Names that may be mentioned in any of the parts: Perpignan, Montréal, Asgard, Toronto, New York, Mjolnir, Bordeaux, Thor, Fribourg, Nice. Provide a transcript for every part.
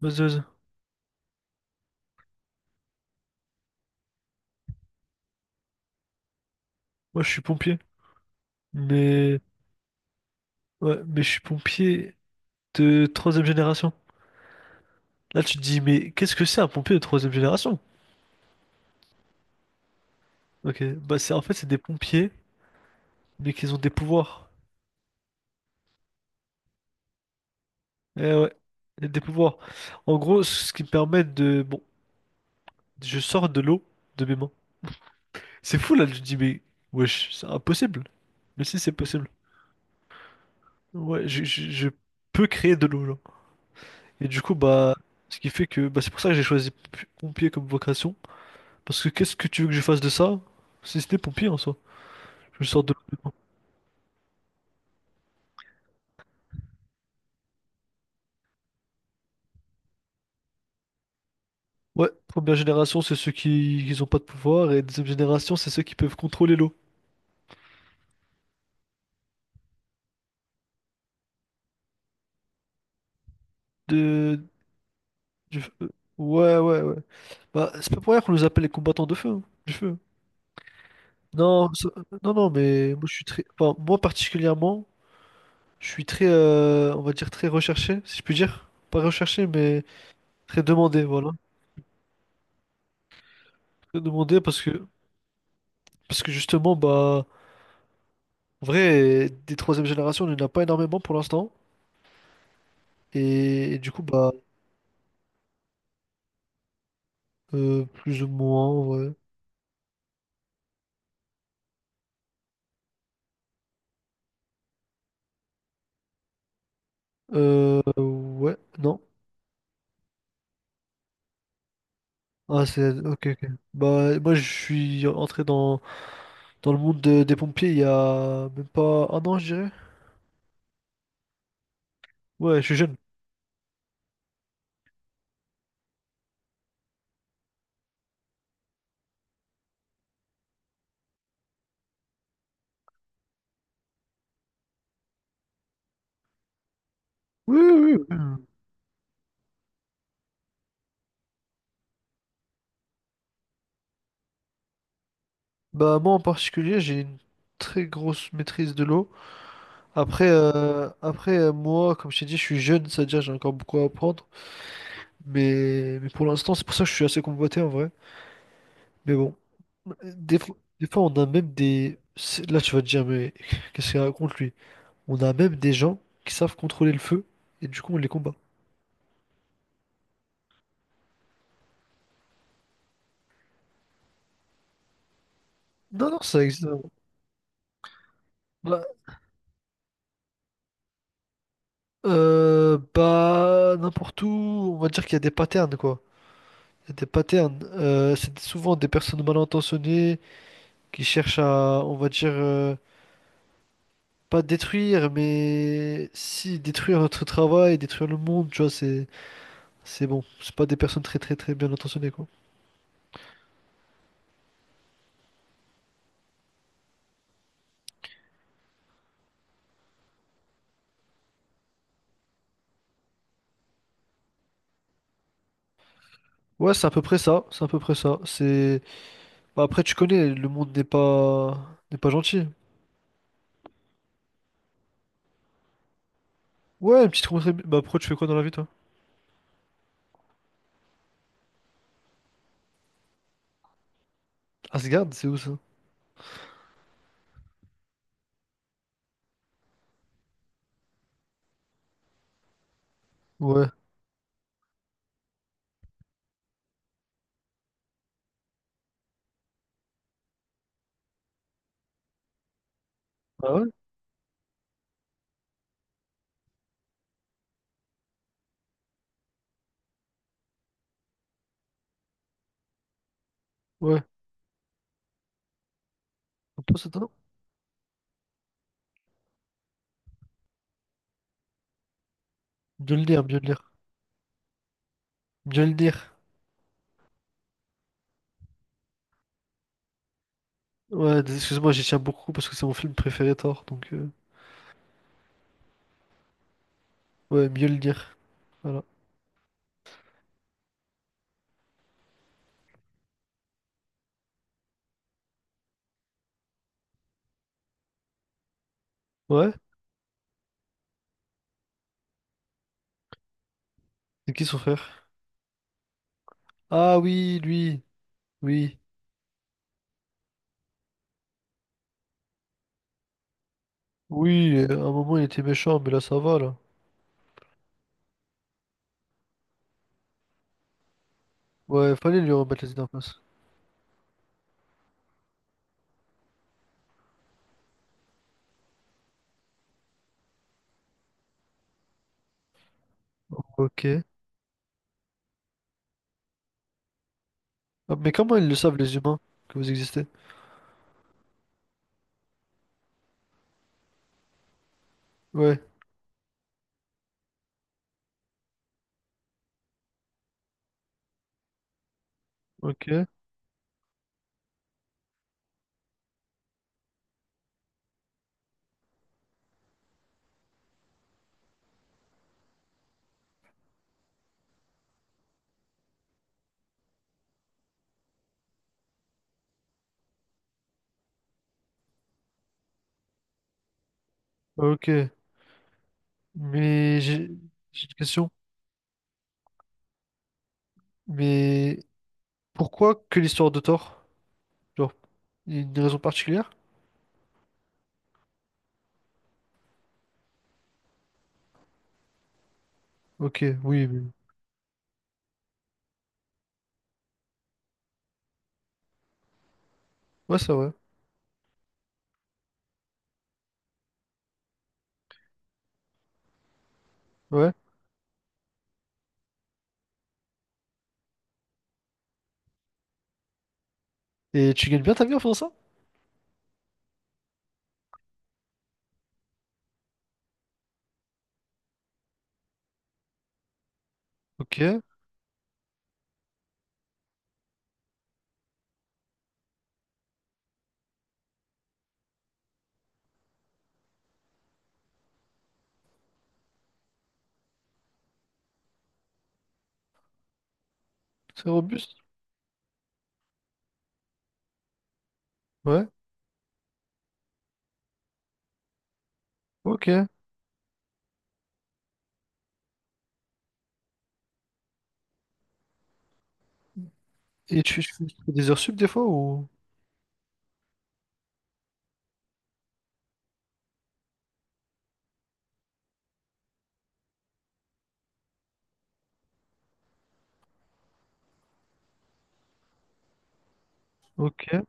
Vas-y, vas-y. Moi, je suis pompier, mais ouais, mais je suis pompier de troisième génération. Là, tu te dis, mais qu'est-ce que c'est un pompier de troisième génération? Ok, bah c'est en fait c'est des pompiers, mais qu'ils ont des pouvoirs. Eh ouais, des pouvoirs. En gros, ce qui me permet de, bon, je sors de l'eau de mes mains. C'est fou là, je te dis, mais wesh, c'est impossible. Mais si, c'est possible. Ouais, je peux créer de l'eau, genre. Et du coup, bah, ce qui fait que, bah, c'est pour ça que j'ai choisi pompier comme vocation. Parce que qu'est-ce que tu veux que je fasse de ça? Si ce n'est pour pire en soi. Je sors de... Ouais, première génération, c'est ceux qui n'ont pas de pouvoir, et deuxième génération, c'est ceux qui peuvent contrôler l'eau. De... du- euh, ouais, ouais, ouais. Bah, c'est pas pour rien qu'on nous appelle les combattants de feu, hein, du feu, hein. Non, ça- non, non, mais moi je suis très... Enfin, moi particulièrement, je suis très, on va dire, très recherché, si je puis dire. Pas recherché, mais très demandé, voilà. Très demandé parce que justement, bah, en vrai, des troisième génération, il n'y en a pas énormément pour l'instant. Et du coup, bah, plus ou moins, en vrai. Ouais, non. Ah, c'est... Ok, ok. Bah, moi, je suis entré dans le monde des pompiers il y a même pas un an, je dirais. Ouais, je suis jeune. Oui, oui, oui. Bah, moi, en particulier, j'ai une très grosse maîtrise de l'eau. Après, après, moi, comme je t'ai dit, je suis jeune, c'est-à-dire j'ai encore beaucoup à apprendre. Mais pour l'instant, c'est pour ça que je suis assez convoité, en vrai. Mais bon, des fois, on a même des... c'est- Là, tu vas te dire, mais qu'est-ce qu'il raconte, lui? On a même des gens qui savent contrôler le feu, et du coup, on les combat. Non, non, ça existe vraiment. Bah, n'importe où, on va dire qu'il y a des patterns, quoi. Il y a des patterns. C'est souvent des personnes mal intentionnées qui cherchent à, on va dire, pas détruire, mais si, détruire notre travail, détruire le monde, tu vois, c'est bon. C'est pas des personnes très, très, très bien intentionnées, quoi. Ouais, c'est à peu près ça, c'est à peu près ça. C'est bah, après tu connais, le monde n'est pas gentil. Ouais, une petite contrée. Bah après tu fais quoi dans la vie toi? Asgard, c'est où ça? Ouais. Ah ouais? Ouais. Un peu ça dedans? Mjolnir, Mjolnir. Mjolnir. Ouais, d- excuse-moi, j'y tiens beaucoup parce que c'est mon film préféré Thor, donc ouais, Mjolnir. Voilà. Ouais? C'est qui son frère? Ah oui, lui. Oui. Oui, à un moment il était méchant, mais là ça va là. Ouais, fallait lui remettre les idées en place. Ok. Ah, mais comment ils le savent les humains que vous existez? Ouais, ok, ok. Mais j'ai une question. Mais pourquoi que l'histoire de Thor? Genre, il y a une raison particulière? Ok, oui, mais... ouais, c'est vrai. Ouais. Et tu gagnes bien ta vie en faisant ça? Ok, c'est robuste. Ouais, ok. Et tu fais des heures sup des fois ou... Ok.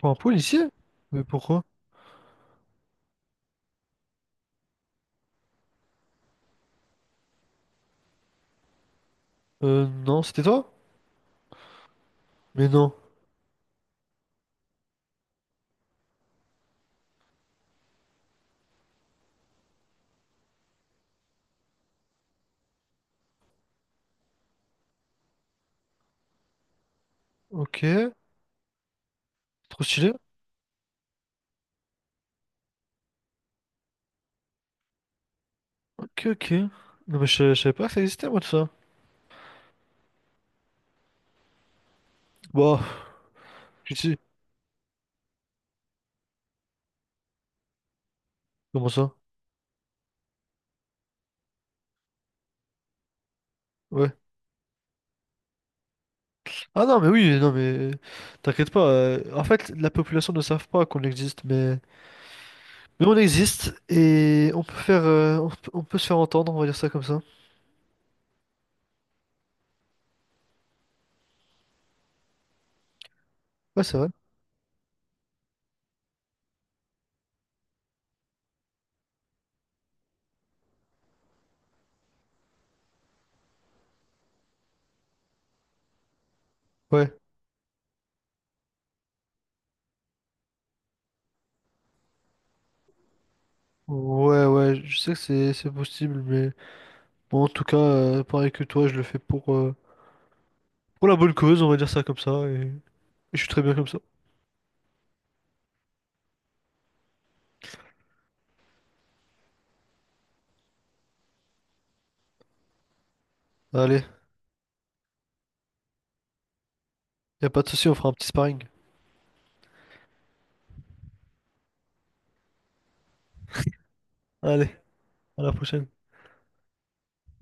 Pour un policier? Mais pourquoi? Non, c'était toi? Mais non. Ok. Trop stylé. Ok, ok. Non, mais je savais pas que ça existait, moi, tout ça. Bah, tu sais. Comment ça? Ouais. Ah non, mais oui, non, mais t'inquiète pas. En fait, la population ne savent pas qu'on existe, mais on existe et on peut faire, on peut se faire entendre, on va dire ça comme ça. Ouais, c'est vrai. Ouais. Ouais, ouais, je sais que c'est possible, mais bon, en tout cas, pareil que toi, je le fais pour la bonne cause, on va dire ça comme ça, et je suis très bien comme ça. Allez, y a pas de souci, on fera un petit sparring. Allez, à la prochaine.